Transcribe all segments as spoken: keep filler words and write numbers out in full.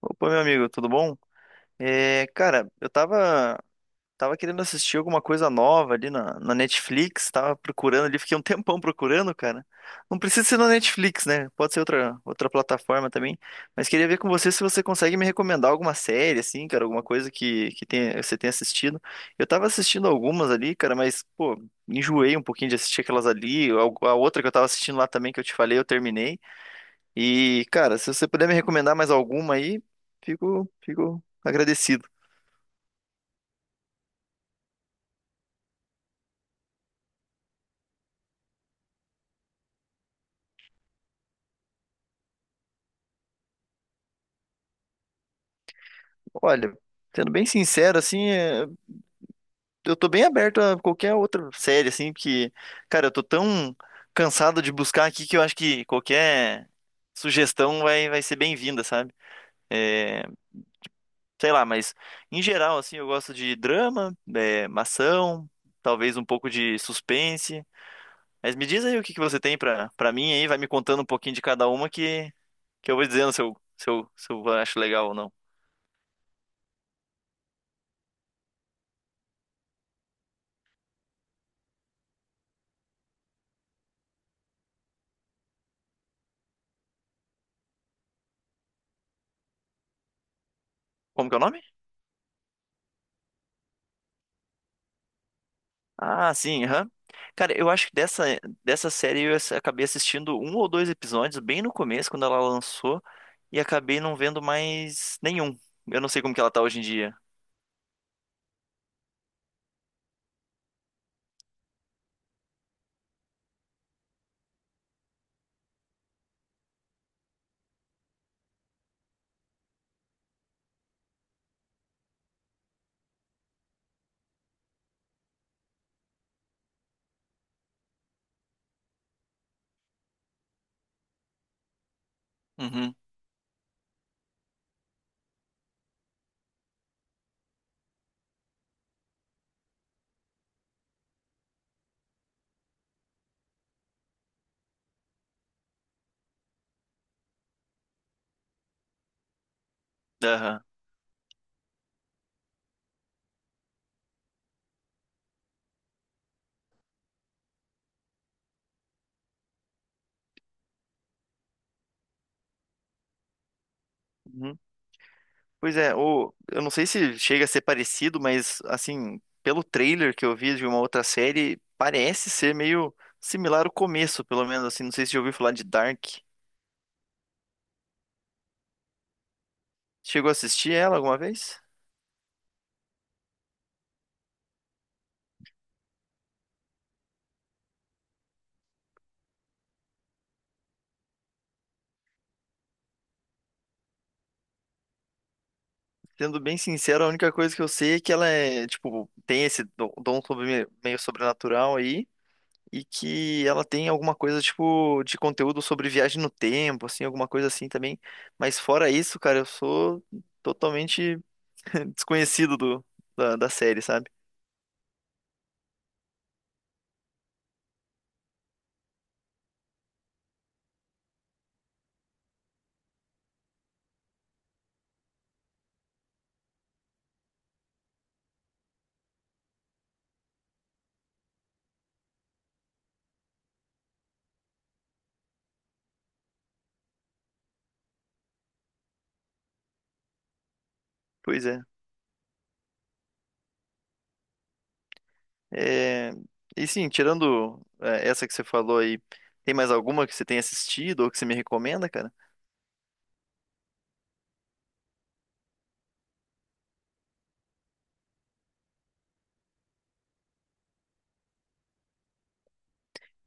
Opa, meu amigo, tudo bom? É, cara, eu tava, tava querendo assistir alguma coisa nova ali na, na Netflix, tava procurando ali, fiquei um tempão procurando, cara. Não precisa ser na Netflix, né? Pode ser outra, outra plataforma também, mas queria ver com você se você consegue me recomendar alguma série, assim, cara, alguma coisa que, que tenha, você tenha assistido. Eu tava assistindo algumas ali, cara, mas, pô, enjoei um pouquinho de assistir aquelas ali. A a outra que eu tava assistindo lá também, que eu te falei, eu terminei. E, cara, se você puder me recomendar mais alguma aí, fico, fico agradecido. Olha, sendo bem sincero, assim, é, eu tô bem aberto a qualquer outra série, assim, porque, cara, eu tô tão cansado de buscar aqui que eu acho que qualquer sugestão vai, vai ser bem-vinda, sabe? É, Sei lá, mas em geral, assim, eu gosto de drama, é, ação, talvez um pouco de suspense. Mas me diz aí o que que você tem pra, pra mim aí, vai me contando um pouquinho de cada uma que eu vou dizendo se eu, se eu, se eu acho legal ou não. Como que é o nome? Ah, sim, aham. Cara, eu acho que dessa, dessa série eu ass- acabei assistindo um ou dois episódios bem no começo, quando ela lançou, e acabei não vendo mais nenhum. Eu não sei como que ela tá hoje em dia. Uhum. Aham. Uhum. Pois é, o, eu não sei se chega a ser parecido, mas assim, pelo trailer que eu vi de uma outra série, parece ser meio similar o começo, pelo menos assim. Não sei se já ouviu falar de Dark. Chegou a assistir ela alguma vez? Sendo bem sincero, a única coisa que eu sei é que ela é, tipo, tem esse dom dom sobre- meio sobrenatural aí, e que ela tem alguma coisa, tipo, de conteúdo sobre viagem no tempo, assim, alguma coisa assim também. Mas fora isso, cara, eu sou totalmente desconhecido do, da, da série, sabe? Pois é. É, E sim, tirando é, essa que você falou aí, tem mais alguma que você tenha assistido ou que você me recomenda, cara?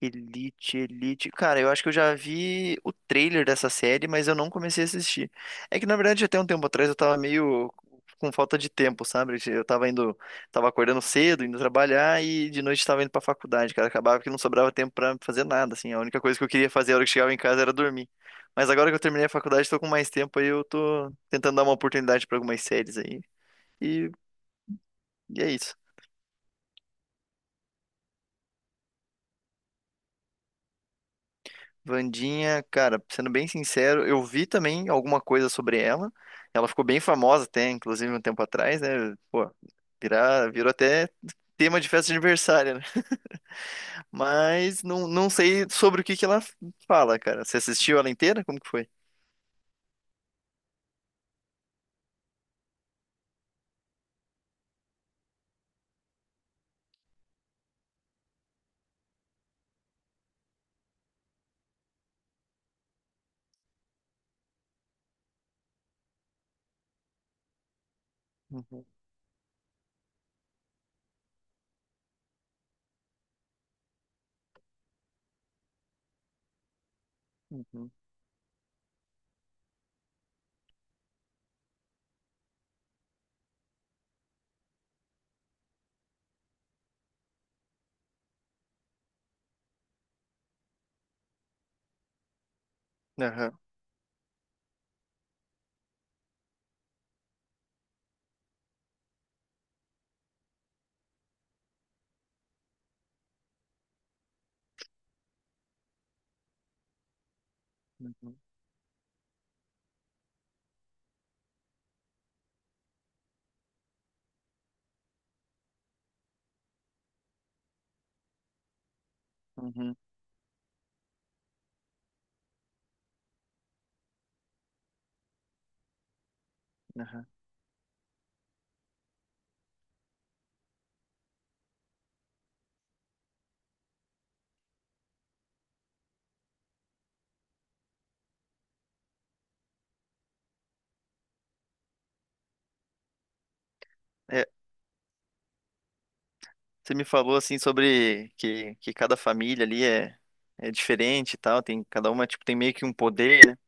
Elite, Elite. Cara, eu acho que eu já vi o trailer dessa série, mas eu não comecei a assistir. É que, na verdade, até um tempo atrás eu tava meio com falta de tempo, sabe? Eu tava indo, tava acordando cedo, indo trabalhar e de noite tava indo pra faculdade, cara. Acabava que não sobrava tempo pra fazer nada, assim. A única coisa que eu queria fazer a hora que chegava em casa era dormir. Mas agora que eu terminei a faculdade, tô com mais tempo aí, eu tô tentando dar uma oportunidade pra algumas séries aí. E, e é isso. Vandinha, cara, sendo bem sincero, eu vi também alguma coisa sobre ela. Ela ficou bem famosa até, inclusive, um tempo atrás, né? Pô, virar, virou até tema de festa de aniversário, né? Mas não, não sei sobre o que que ela fala, cara. Você assistiu ela inteira? Como que foi? Uhum, uhum, aham, uhum, uhum, aham. É, você me falou assim sobre que, que cada família ali é, é diferente e tal, tem, cada uma tipo, tem meio que um poder.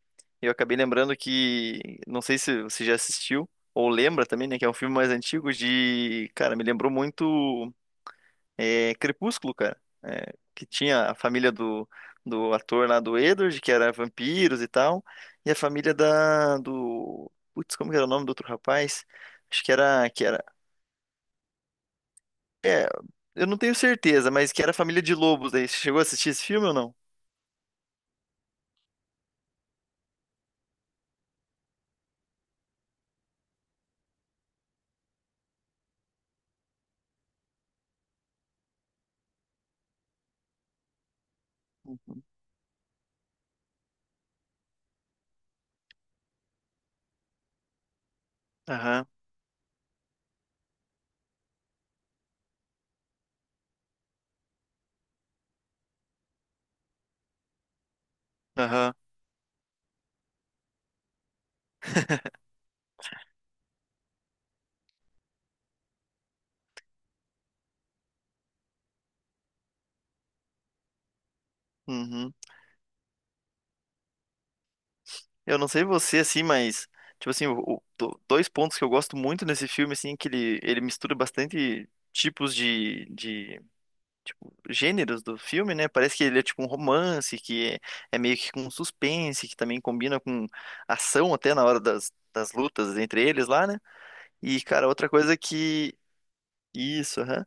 Eu acabei lembrando que, não sei se você já assistiu ou lembra também, né, que é um filme mais antigo de, cara, me lembrou muito é, Crepúsculo, cara. É, que tinha a família do, do ator lá do Edward, que era vampiros e tal, e a família da do, putz, como que era o nome do outro rapaz? Acho que era, que era, eu não tenho certeza, mas que era a família de lobos aí. Você chegou a assistir esse filme ou não? Aham, aham, uhum. Eu não sei você, assim, mas, tipo assim, o- o- do- dois pontos que eu gosto muito nesse filme, assim, é que ele, ele mistura bastante tipos de, de, tipo, gêneros do filme, né? Parece que ele é tipo um romance, que é, é meio que com suspense, que também combina com ação até na hora das, das lutas entre eles lá, né? E, cara, outra coisa que... Isso, aham.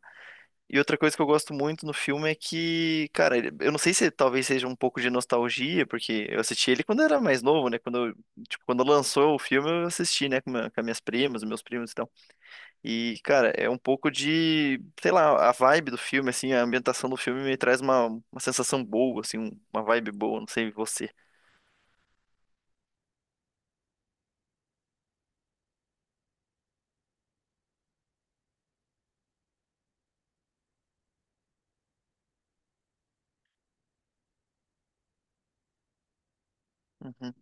E outra coisa que eu gosto muito no filme é que, cara, ele- eu não sei se talvez seja um pouco de nostalgia, porque eu assisti ele quando eu era mais novo, né? Quando, eu- tipo, quando lançou o filme, eu assisti, né, com, minha- com as minhas primas, meus primos e tal. E, cara, é um pouco de, sei lá, a vibe do filme, assim, a ambientação do filme me traz uma, uma sensação boa, assim, um- uma vibe boa, não sei você. Uhum,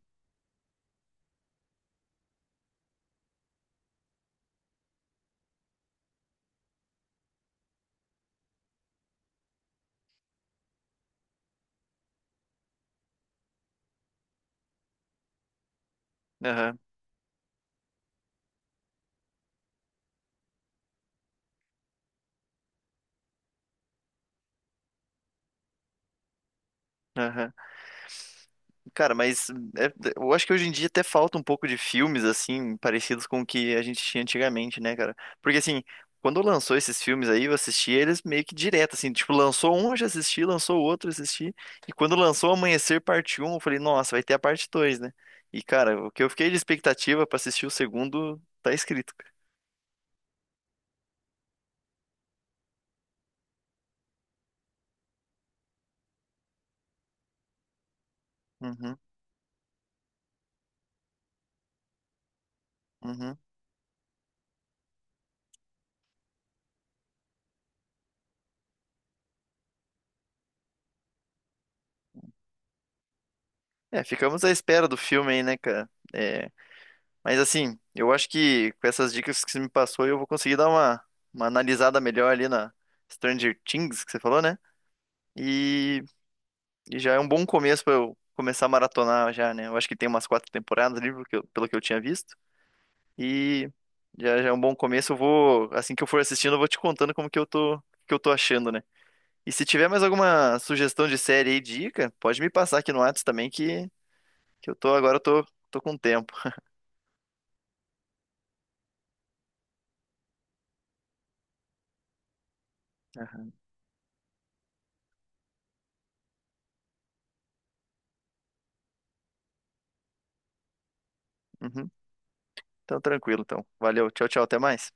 aham, aham. Cara, mas é- eu acho que hoje em dia até falta um pouco de filmes, assim, parecidos com o que a gente tinha antigamente, né, cara? Porque, assim, quando lançou esses filmes aí, eu assisti eles meio que direto, assim, tipo, lançou um, eu já assisti, lançou o outro, eu assisti. E quando lançou Amanhecer Parte um eu falei, nossa, vai ter a parte dois, né? E, cara, o que eu fiquei de expectativa pra assistir o segundo tá escrito, cara. Uhum, uhum. É, ficamos à espera do filme aí, né, cara? É, mas assim, eu acho que com essas dicas que você me passou, eu vou conseguir dar uma, uma analisada melhor ali na Stranger Things que você falou, né? E, e já é um bom começo pra eu começar a maratonar já, né? Eu acho que tem umas quatro temporadas ali, pelo que eu, pelo que eu tinha visto. E já, já é um bom começo. Eu vou, assim que eu for assistindo, eu vou te contando como que eu tô, que eu tô achando, né? E se tiver mais alguma sugestão de série aí, dica, pode me passar aqui no Whats também que, que eu tô agora eu tô, tô com tempo. Uhum. Então tranquilo, então. Valeu, tchau, tchau, até mais.